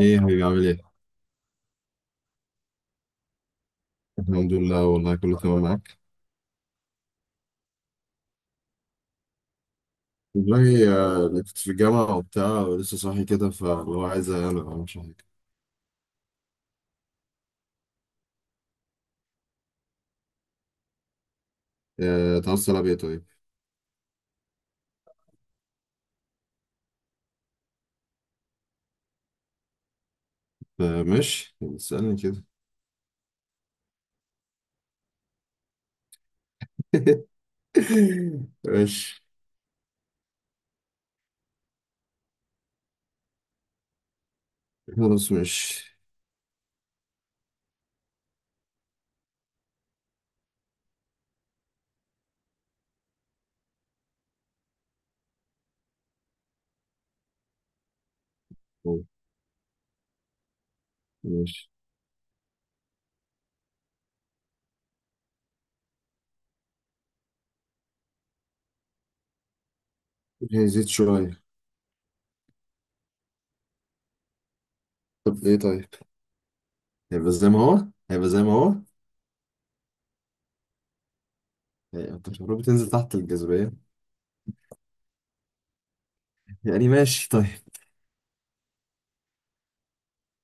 ايه يا حبيبي عامل ايه؟ الحمد لله والله كله تمام معاك. والله، أنا كنت في الجامعة وبتاع ولسه صاحي كده فاللي هو عايز أنام، انا ما اعملش حاجة. تعال السلام ايه طيب؟ ماشي اسألني كده. ماشي. خلاص ماشي. طيب، ماشي. هي زيت شوية. طب ايه طيب؟ هيبقى زي ما هو؟ هيبقى زي ما هو؟ انت مش المفروض بتنزل تحت الجاذبية. يعني ماشي طيب.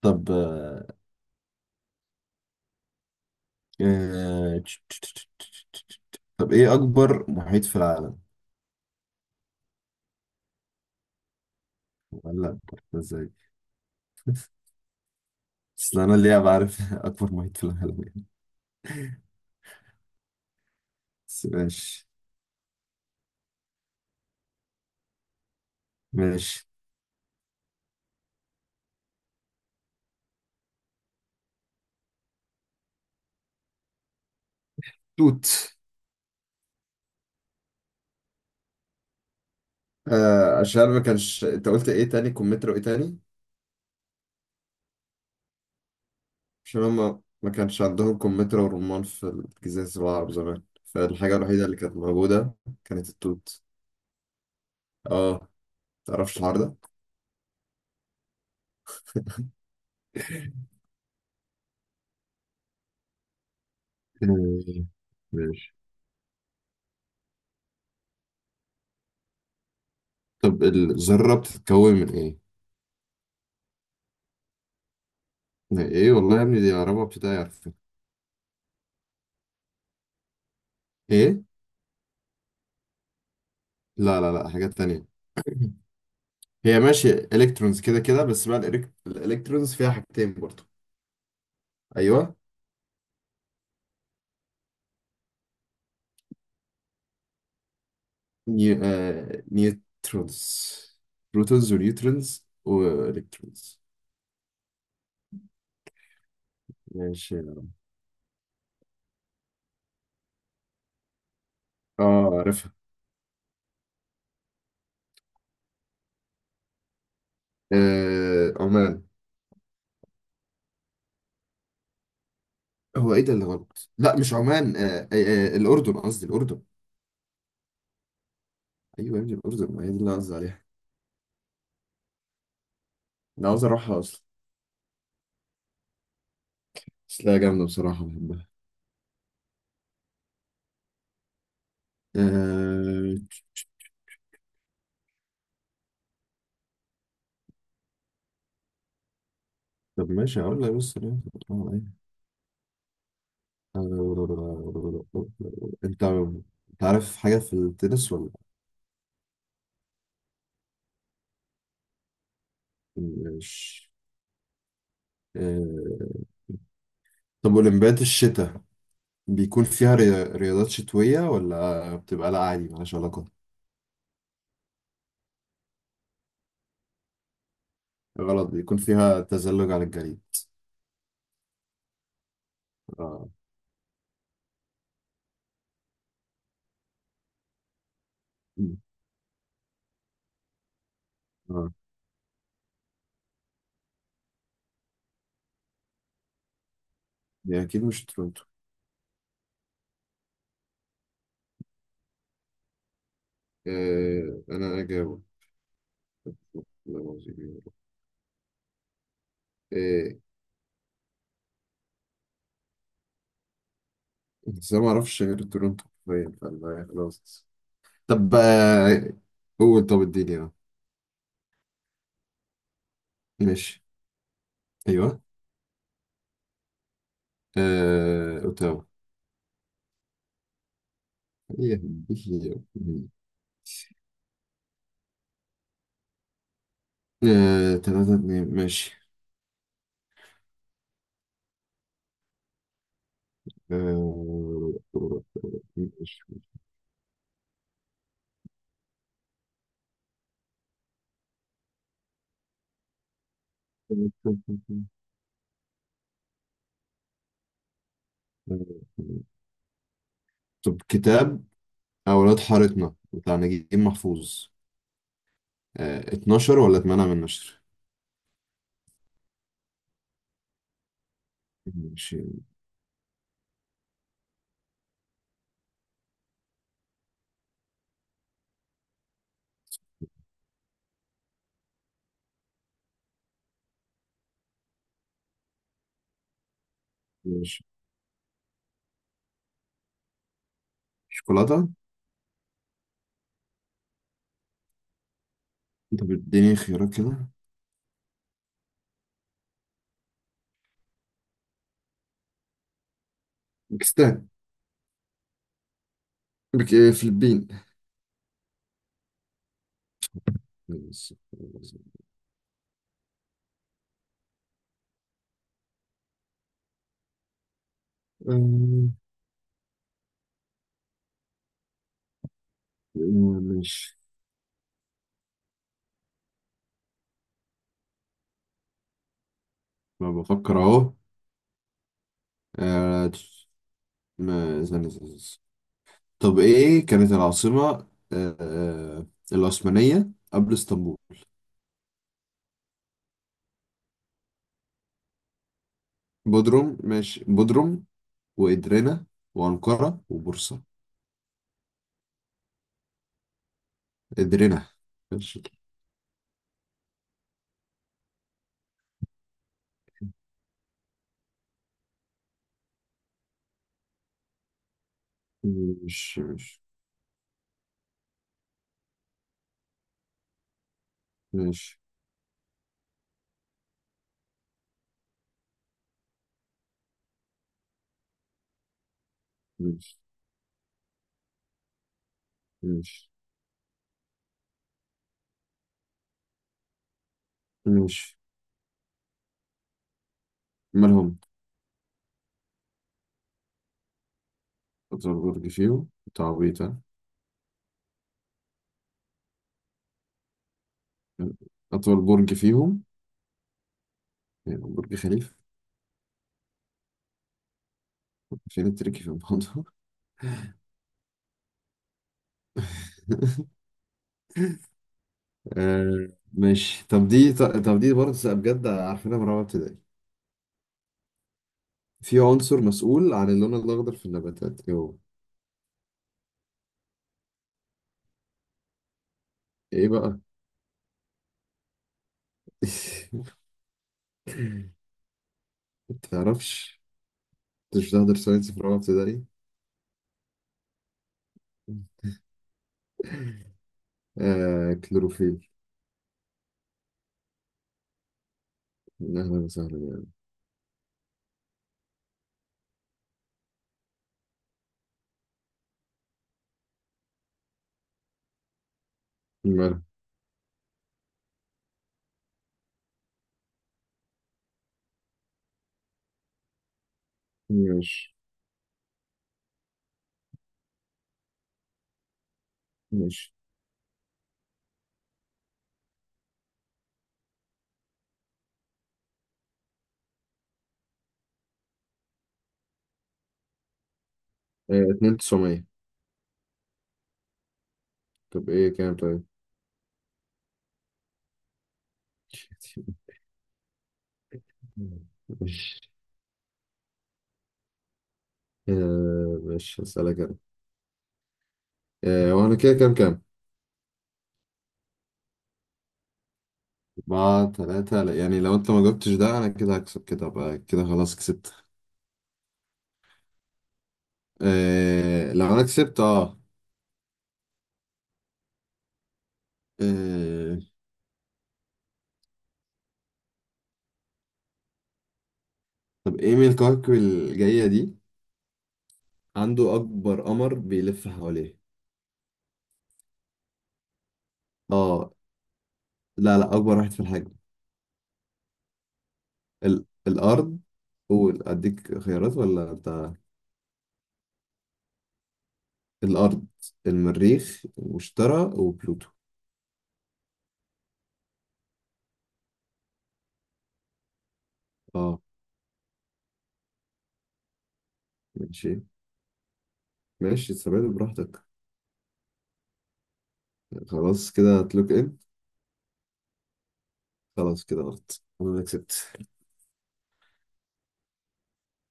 طب آه، طب ايه أكبر محيط في العالم؟ لا انت عرفتها ازاي. بس انا اللي بعرف اكبر محيط في العالم يعني. بس ماشي ماشي. توت. آه عشان ما كانش انت قلت ايه تاني كمثرى وايه تاني. عشان هما ما كانش عندهم كمثرى ورمان في الجزاز العرب زمان، فالحاجة الوحيدة اللي كانت موجودة كانت التوت. اه تعرفش الحوار ده. آه، ماشي. طب الذرة بتتكون من ايه؟ من ايه والله يا ابني، دي رابعة ابتدائي عارفة. ايه؟ لا لا لا حاجات تانية. هي ماشي الكترونز كده كده، بس بقى الالكترونز فيها حاجتين برضو. ايوه. نيوترونز. بروتونز ونيوترونز والكترونز. ماشي. اه عارفها. عمان. هو ايه ده اللي غلط، لا مش عمان، الاردن قصدي الاردن. ايوه يا ابني الاردن، ما هي دي اللي أنا قصدي عليها. انا عاوز اروحها اصلا بس، لا جامده بصراحه بحبها. آه... طب ماشي هقول لك بص، انت انت عارف حاجة في التنس ولا؟ مش آه، طب أولمبياد الشتاء بيكون فيها رياضات شتوية، ولا بتبقى لا عادي ملهاش علاقة؟ غلط، بيكون فيها تزلج على الجليد. اه. مم. اه دي أكيد مش تورونتو. أنا أجاوب. والله العظيم يا رب. إيه، إزاي ما أعرفش غير تورونتو؟ باين فالله يعني خلاص. طب قول، طب اديني اه. ماشي. أيوه. أوتاوا. هي هي. تلاتة اتنين ماشي. آه، ماشي. طب كتاب أولاد حارتنا بتاع نجيب محفوظ، 12 ولا 8 من نشر؟ ماشي. ماشي. شوكولاتة. طب اديني خيارات كده. باكستان. بك آه، فلبين. ماشي. آه، ماشي. ما بفكر أهو. آه، استنى استنى. طب ايه كانت العاصمة آه، آه، العثمانية قبل اسطنبول؟ بودروم، ماشي، بودروم وإدرينا وأنقرة وبورصة. إدرينا. ماشي. ماشي ماشي ماشي ماشي ماشي ماشي. مالهم؟ أطول برج فيهم؟ تعويضة. أطول برج فيهم، يعني برج خليفة. فين التركي في الموضوع؟ ماشي. طب دي برضه بجد عارفينها من رابعة ابتدائي. في عنصر مسؤول عن اللون الأخضر في النباتات، إيه هو؟ إيه بقى؟ متعرفش؟ مش تحضر ساينس في رابعة ابتدائي؟ آه كلوروفيل. أهلا وسهلا يعني. ماله؟ ماشي ماشي. آه اتنين تسعمية. طب إيه كام طيب؟ آه مش هسألك أنا. آه وأنا كده كام كام؟ أربعة تلاتة، لا، يعني لو أنت ما جاوبتش ده أنا كده هكسب، كده أبقى كده خلاص كسبت. آه لو أنا كسبت أه. آه، طب ايه من الكواكب الجاية دي عنده أكبر قمر بيلف حواليه؟ اه، لا لا أكبر واحد في الحجم. الأرض. قول أديك خيارات ولا بتاع؟ الأرض، المريخ، واشترى، وبلوتو. اه ماشي ماشي، استبعد براحتك. خلاص كده هتلوك ان. خلاص كده غلط، أنا اللي كسبت.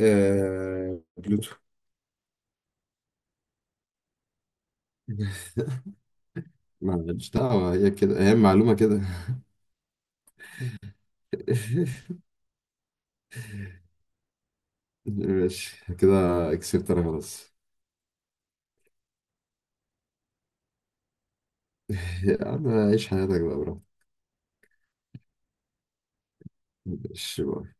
بلوتو. معلش دعوة، هي كده هي معلومة كده. ماشي كده، كسبت أنا خلاص. يا عم عيش حياتك بقى براحتك. ماشي بقى.